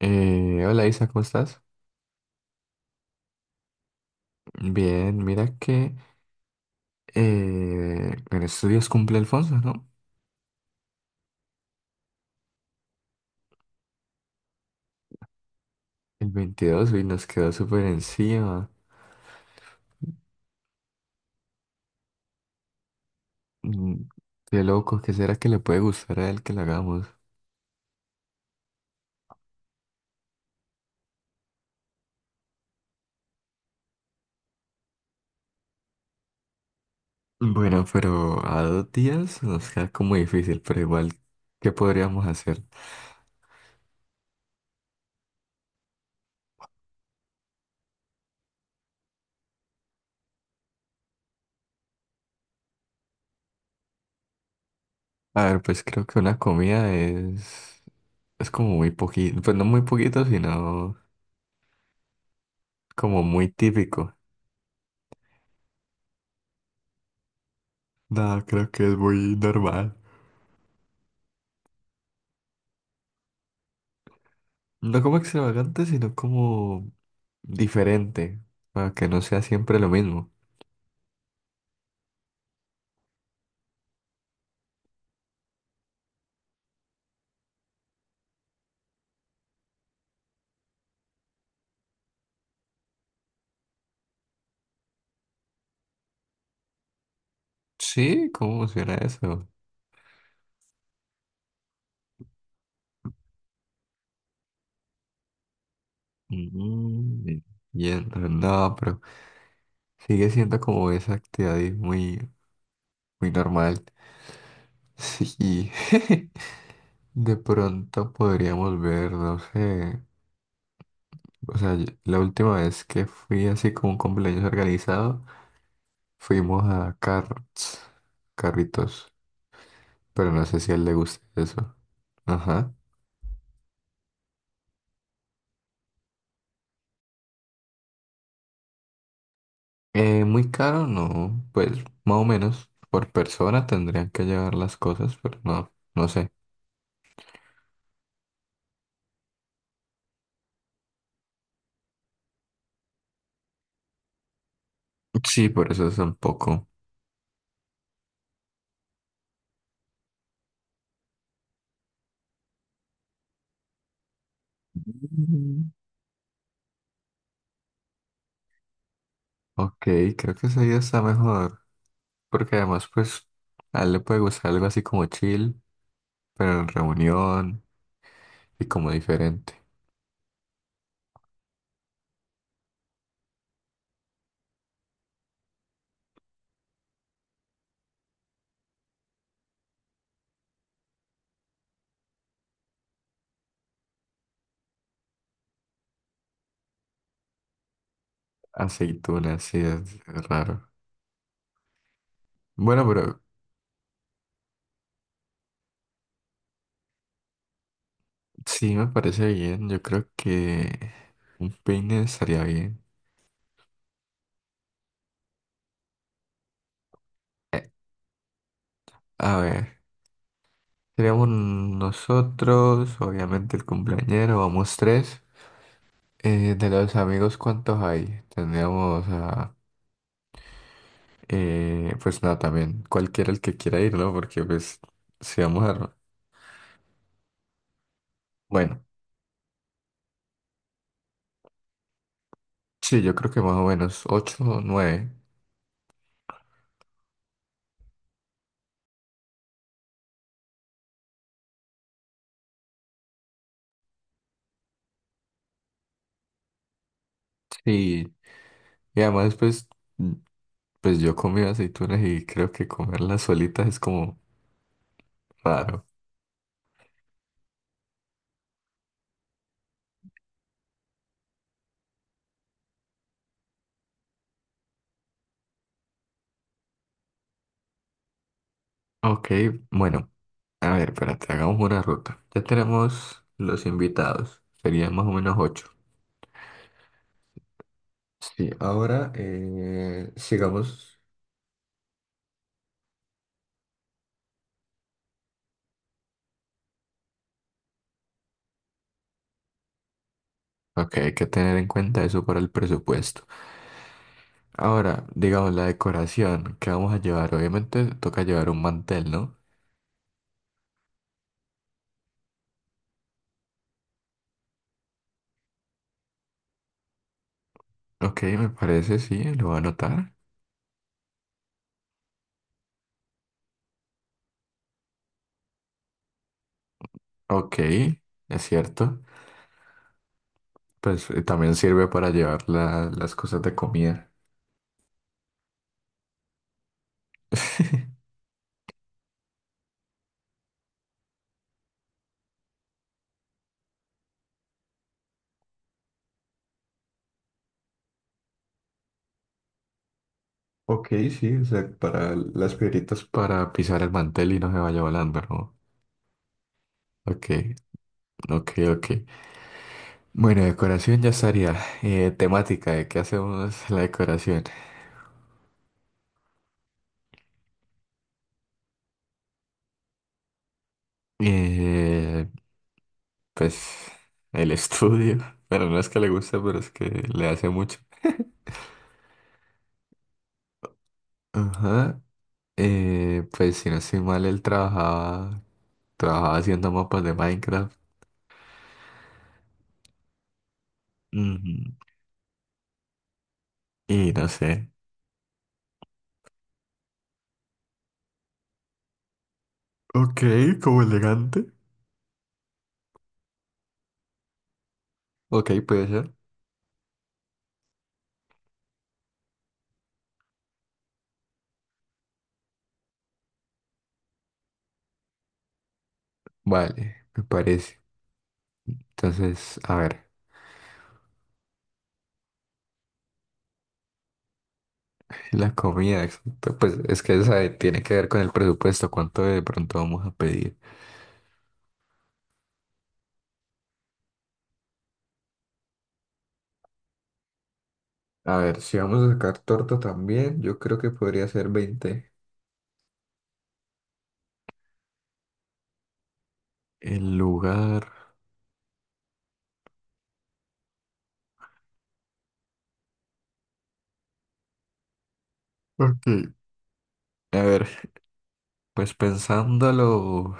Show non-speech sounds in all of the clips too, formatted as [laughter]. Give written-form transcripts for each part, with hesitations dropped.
Hola Isa, ¿cómo estás? Bien, mira que en estos días cumple Alfonso, ¿no? El 22 y nos quedó súper encima. Mm. Qué loco, ¿qué será que le puede gustar a él que lo hagamos? Bueno, pero a 2 días nos queda como difícil, pero igual, ¿qué podríamos hacer? A ver, pues creo que una comida es como muy poquito, pues no muy poquito, sino como muy típico. No, creo que es muy normal. No como extravagante, sino como diferente, para que no sea siempre lo mismo. Sí, ¿cómo funciona eso? Mm, entiendo. No, pero sigue siendo como esa actividad ahí muy, muy normal. Sí, [laughs] de pronto podríamos ver, no sé, o sea, la última vez que fui así como un cumpleaños organizado, fuimos a carros, carritos, pero no sé si a él le gusta eso. Ajá. Muy caro, no, pues más o menos por persona tendrían que llevar las cosas, pero no, no sé. Sí, por eso es un poco. Ujú. Ok, creo que esa idea está mejor, porque además pues a él le puede gustar algo así como chill, pero en reunión y como diferente. Aceituna, sí, es raro. Bueno, pero sí me parece bien, yo creo que un peine estaría bien. Eh, a ver. Seríamos nosotros, obviamente el cumpleañero, vamos tres. De los amigos, ¿cuántos hay? Tendríamos a... pues nada, también cualquiera el que quiera ir, ¿no? Porque pues si vamos a... Bueno, sí, yo creo que más o menos ocho o nueve. Sí, y además pues, mm, pues yo comí aceitunas y creo que comerlas solitas es como raro. Ok, bueno, a ver, espérate, hagamos una ruta. Ya tenemos los invitados, serían más o menos ocho. Sí, ahora sigamos. Ok, hay que tener en cuenta eso para el presupuesto. Ahora, digamos la decoración que vamos a llevar. Obviamente toca llevar un mantel, ¿no? Ok, me parece, sí, lo voy a anotar. Ok, es cierto. Pues también sirve para llevar las cosas de comida. [laughs] Ok, sí, o sea, para las piedritas. Para pisar el mantel y no se vaya volando, ¿no? Ok, ok, ok. Bueno, decoración ya estaría. Temática, ¿de qué hacemos la decoración? Eh, pues el estudio. [laughs] Bueno, no es que le guste, pero es que le hace mucho. Ajá. Pues si no estoy mal, él trabajaba haciendo mapas de Minecraft. Ujú. Y no sé. Ok, como elegante. Ok, puede ser. Vale, me parece. Entonces, a ver. La comida, exacto. Pues es que tiene que ver con el presupuesto, cuánto de pronto vamos a pedir. A ver, si vamos a sacar torta también, yo creo que podría ser 20. El lugar. Ok. A ver, pues pensándolo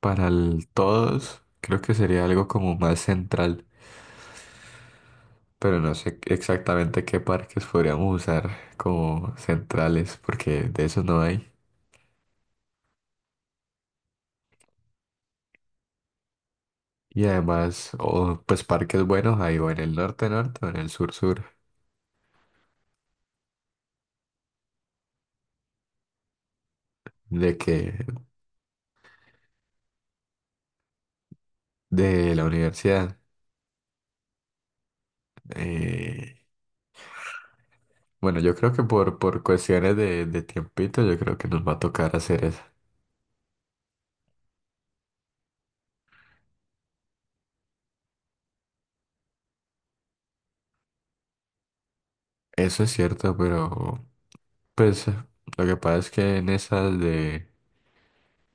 para el todos, creo que sería algo como más central, pero no sé exactamente qué parques podríamos usar como centrales, porque de esos no hay. Y además, o pues parques buenos hay o en el norte norte o en el sur sur, de que de la universidad. Eh, bueno, yo creo que por cuestiones de tiempito, yo creo que nos va a tocar hacer eso. Eso es cierto, pero pues lo que pasa es que en esas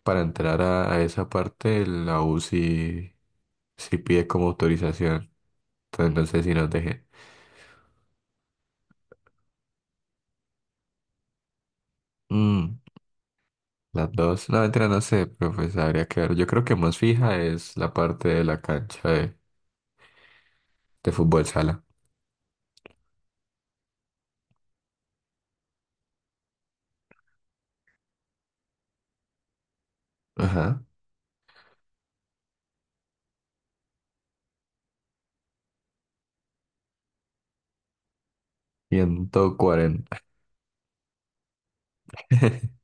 para entrar a esa parte, la U sí, sí pide como autorización. Entonces no sé si nos dejen. Mm, las dos, no, mentira, no sé, pero pues habría que ver. Yo creo que más fija es la parte de la cancha de fútbol sala. Ajá. 140. [laughs]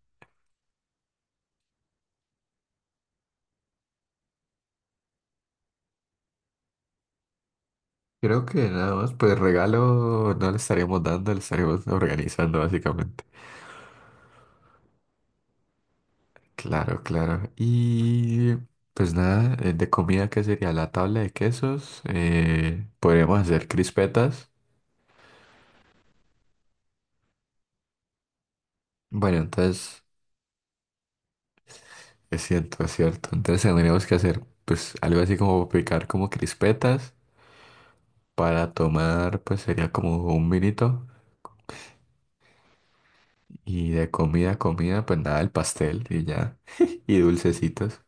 Creo que nada más, pues regalo no le estaríamos dando, le estaríamos organizando básicamente. Claro, claro. Y pues nada, de comida, ¿qué sería? La tabla de quesos. Podríamos hacer crispetas. Bueno, entonces, es cierto, es cierto. Entonces tendríamos que hacer pues algo así como picar como crispetas. Para tomar, pues sería como un vinito. Y de comida, comida, pues nada, el pastel y ya. [laughs] Y dulcecitos.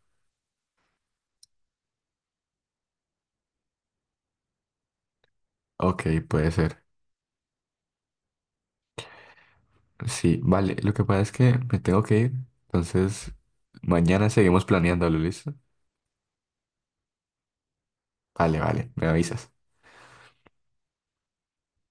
Ok, puede ser. Sí, vale. Lo que pasa es que me tengo que ir. Entonces, mañana seguimos planeándolo, ¿listo? Vale, vale. Me avisas.